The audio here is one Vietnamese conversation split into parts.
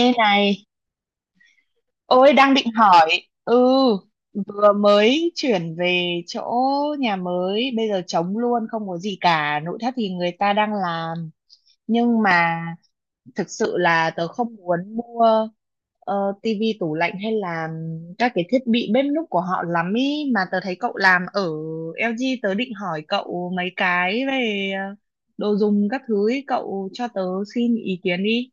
Ê này, ôi đang định hỏi, ừ, vừa mới chuyển về chỗ nhà mới, bây giờ trống luôn, không có gì cả, nội thất thì người ta đang làm, nhưng mà thực sự là tớ không muốn mua tivi, tủ lạnh hay là các cái thiết bị bếp núc của họ lắm ý, mà tớ thấy cậu làm ở LG, tớ định hỏi cậu mấy cái về đồ dùng các thứ ý, cậu cho tớ xin ý kiến đi,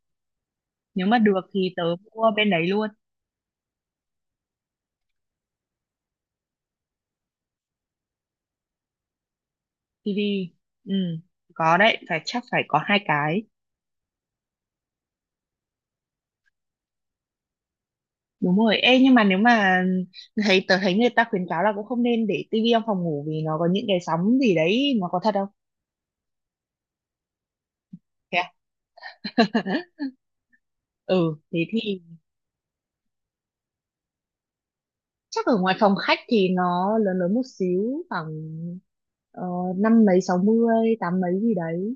nếu mà được thì tớ mua bên đấy. TV, ừ, có đấy, phải chắc phải có hai cái. Đúng rồi, ê nhưng mà nếu mà tớ thấy người ta khuyến cáo là cũng không nên để tivi trong phòng ngủ vì nó có những cái sóng gì đấy, nó có thật không? Thế à? Ừ thế thì chắc ở ngoài phòng khách thì nó lớn lớn một xíu, khoảng ờ, năm mấy sáu mươi tám mấy gì đấy,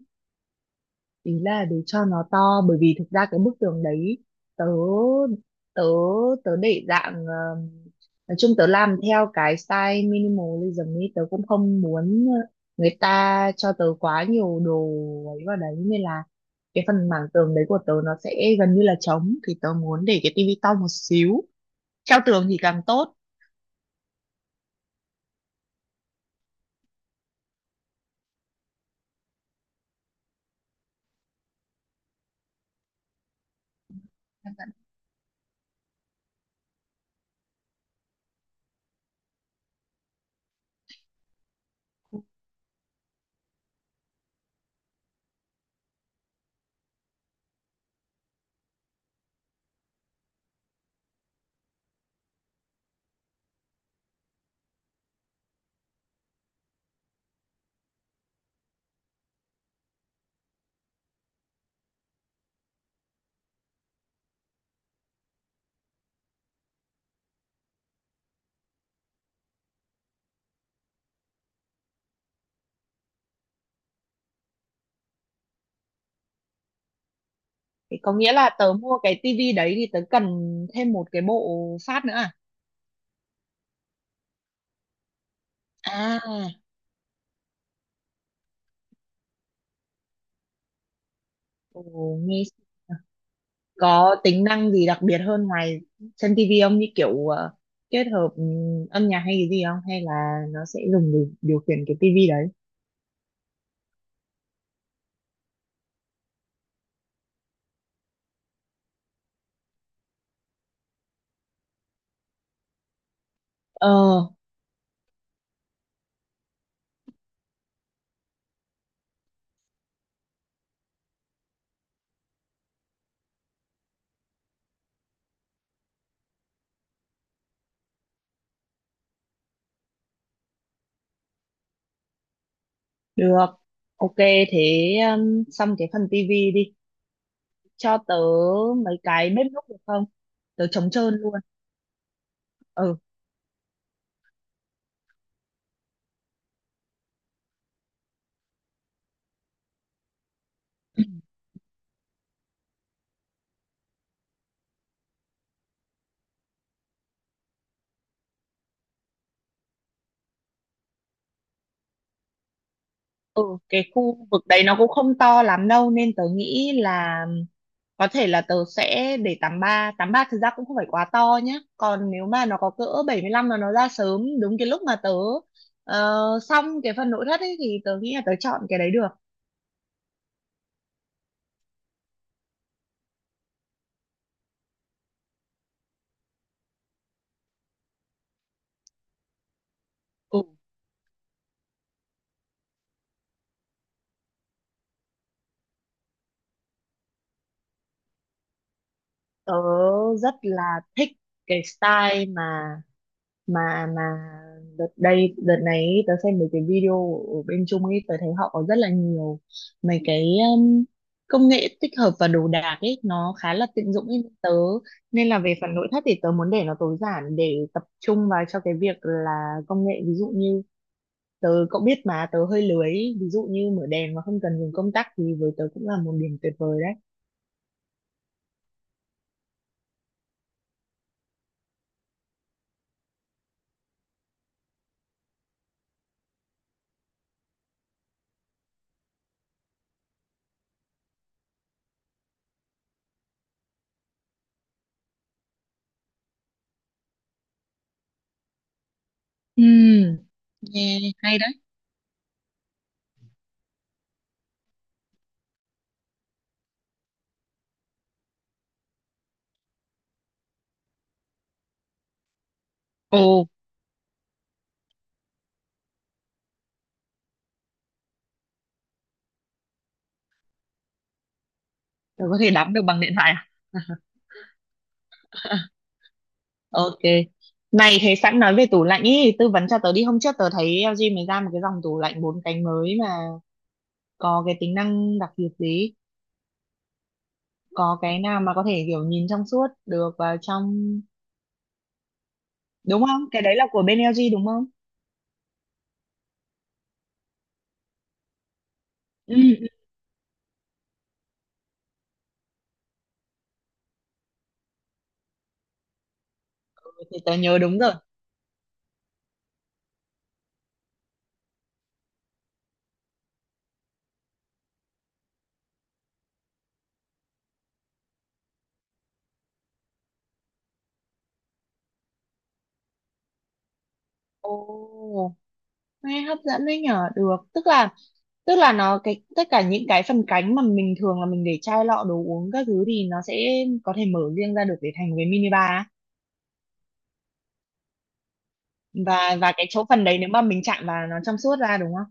ý là để cho nó to, bởi vì thực ra cái bức tường đấy tớ tớ tớ để dạng nói chung tớ làm theo cái style minimalism ấy, tớ cũng không muốn người ta cho tớ quá nhiều đồ ấy vào đấy, nên là cái phần mảng tường đấy của tớ nó sẽ gần như là trống, thì tớ muốn để cái tivi to một xíu, treo tường thì càng tốt. Thì có nghĩa là tớ mua cái tivi đấy thì tớ cần thêm một cái bộ phát nữa à? À. Ồ, nghe có tính năng gì đặc biệt hơn ngoài trên tivi không, như kiểu kết hợp âm nhạc hay cái gì không, hay là nó sẽ dùng để điều khiển cái tivi đấy? Ờ, được, ok. Thế xong cái phần tivi đi, cho tớ mấy cái bếp núc được không, tớ trống trơn luôn. Ừ, ừ, cái khu vực đấy nó cũng không to lắm đâu nên tớ nghĩ là có thể là tớ sẽ để 83 ba, thực ra cũng không phải quá to nhé, còn nếu mà nó có cỡ 75 là nó ra sớm đúng cái lúc mà tớ ờ, xong cái phần nội thất ấy thì tớ nghĩ là tớ chọn cái đấy được. Ừ. Tớ rất là thích cái style mà đợt này ý, tớ xem mấy cái video ở bên Trung ấy, tớ thấy họ có rất là nhiều mấy cái um, công nghệ tích hợp và đồ đạc ấy, nó khá là tiện dụng ấy tớ, nên là về phần nội thất thì tớ muốn để nó tối giản để tập trung vào cho cái việc là công nghệ, ví dụ như tớ, cậu biết mà tớ hơi lười ý, ví dụ như mở đèn mà không cần dùng công tắc thì với tớ cũng là một điểm tuyệt vời đấy. Ừ, nghe hay đấy. Ồ, tớ có thể đắm được bằng điện thoại à? Ok. Này, thế sẵn nói về tủ lạnh ý, tư vấn cho tớ đi. Hôm trước tớ thấy LG mới ra một cái dòng tủ lạnh bốn cánh mới mà có cái tính năng đặc biệt gì? Có cái nào mà có thể kiểu nhìn trong suốt được vào trong đúng không? Cái đấy là của bên LG đúng không? Ừ, ừ. Ừ, thì tớ nhớ đúng rồi. Ồ, nghe hấp dẫn đấy nhở, được. Tức là, tức là nó, cái tất cả những cái phần cánh mà mình thường là mình để chai lọ đồ uống các thứ thì nó sẽ có thể mở riêng ra được để thành một cái mini bar. Và cái chỗ phần đấy nếu mà mình chạm vào nó trong suốt ra đúng không?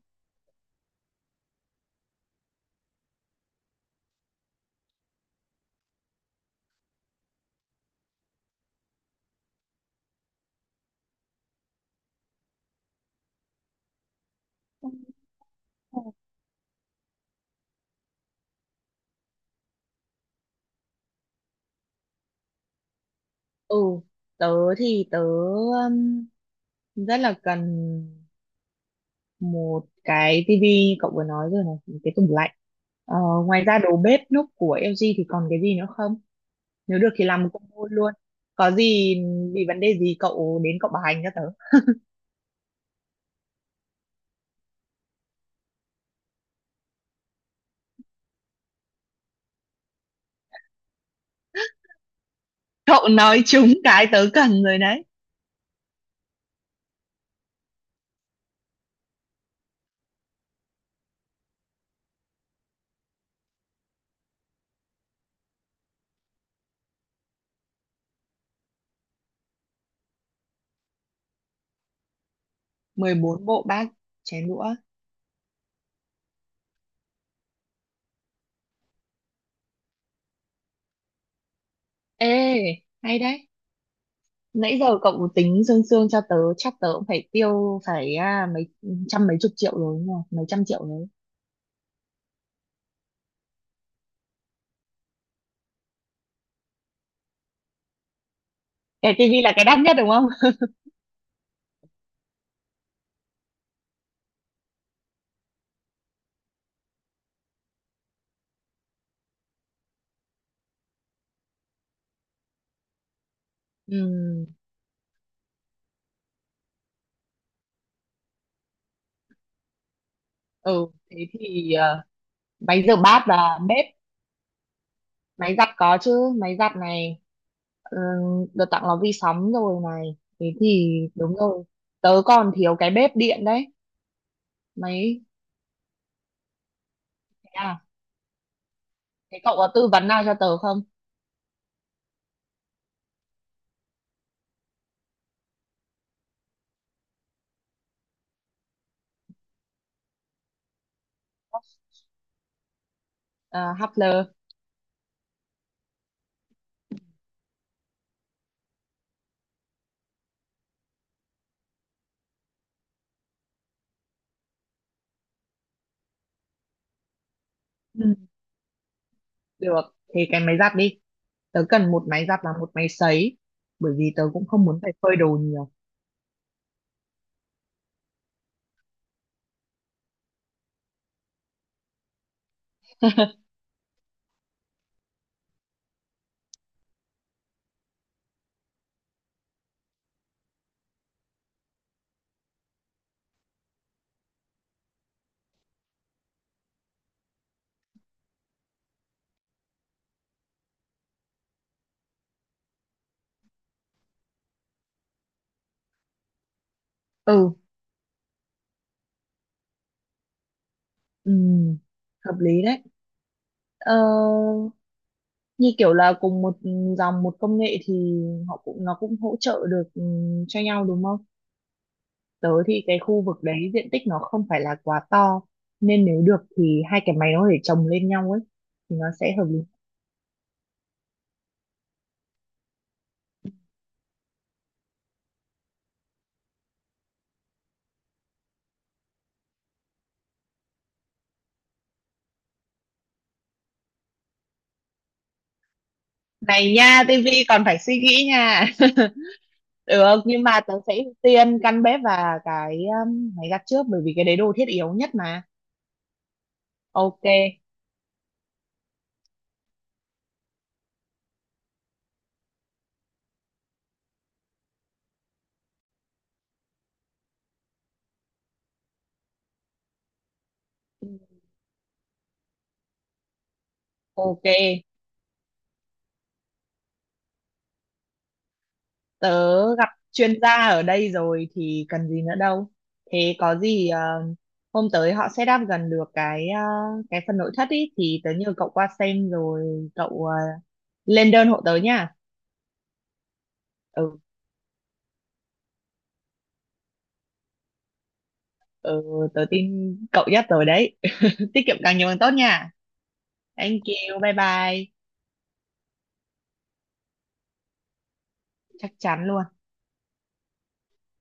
Ừ, tớ thì tớ rất là cần một cái tivi cậu vừa nói rồi này, một cái tủ lạnh, ờ, ngoài ra đồ bếp núc của LG thì còn cái gì nữa không, nếu được thì làm một combo luôn, có gì bị vấn đề gì cậu đến cậu bảo hành cho tớ. Cậu nói trúng cái tớ cần rồi đấy. 14 bộ bát chén đũa. Ê, hay đấy. Nãy giờ cậu tính sương sương cho tớ chắc tớ cũng phải tiêu phải à, mấy trăm mấy chục triệu rồi đúng không, mấy trăm triệu đấy. Cái tivi là cái đắt nhất đúng không? Ừ, ừ thế thì máy rửa bát và bếp, máy giặt có chứ, máy giặt này, ừ, được tặng lò vi sóng rồi này, thế thì đúng rồi, tớ còn thiếu cái bếp điện đấy. Mấy, à, thế cậu có tư vấn nào cho tớ không? À, Hubler. Ừ, được, thì cái máy giặt đi, tớ cần một máy giặt và một máy sấy, bởi vì tớ cũng không muốn phải phơi đồ nhiều. Ừ, ừm, hợp lý đấy. ờ, như kiểu là cùng một dòng một công nghệ thì họ cũng, nó cũng hỗ trợ được cho nhau đúng không. Tớ thì cái khu vực đấy diện tích nó không phải là quá to, nên nếu được thì hai cái máy nó để chồng lên nhau ấy thì nó sẽ hợp lý. Này nha, tivi còn phải suy nghĩ nha. Được, nhưng mà tớ sẽ ưu tiên căn bếp và cái máy giặt trước, bởi vì cái đấy đồ thiết yếu nhất mà. Ok, ok. Tớ gặp chuyên gia ở đây rồi thì cần gì nữa đâu. Thế có gì hôm tới họ set up gần được cái cái phần nội thất ý thì tớ nhờ cậu qua xem rồi cậu lên đơn hộ tớ nha. Ừ, ừ, tớ tin cậu nhất rồi đấy. Tiết kiệm càng nhiều càng tốt nha. Thank you, bye bye. Chắc chắn luôn.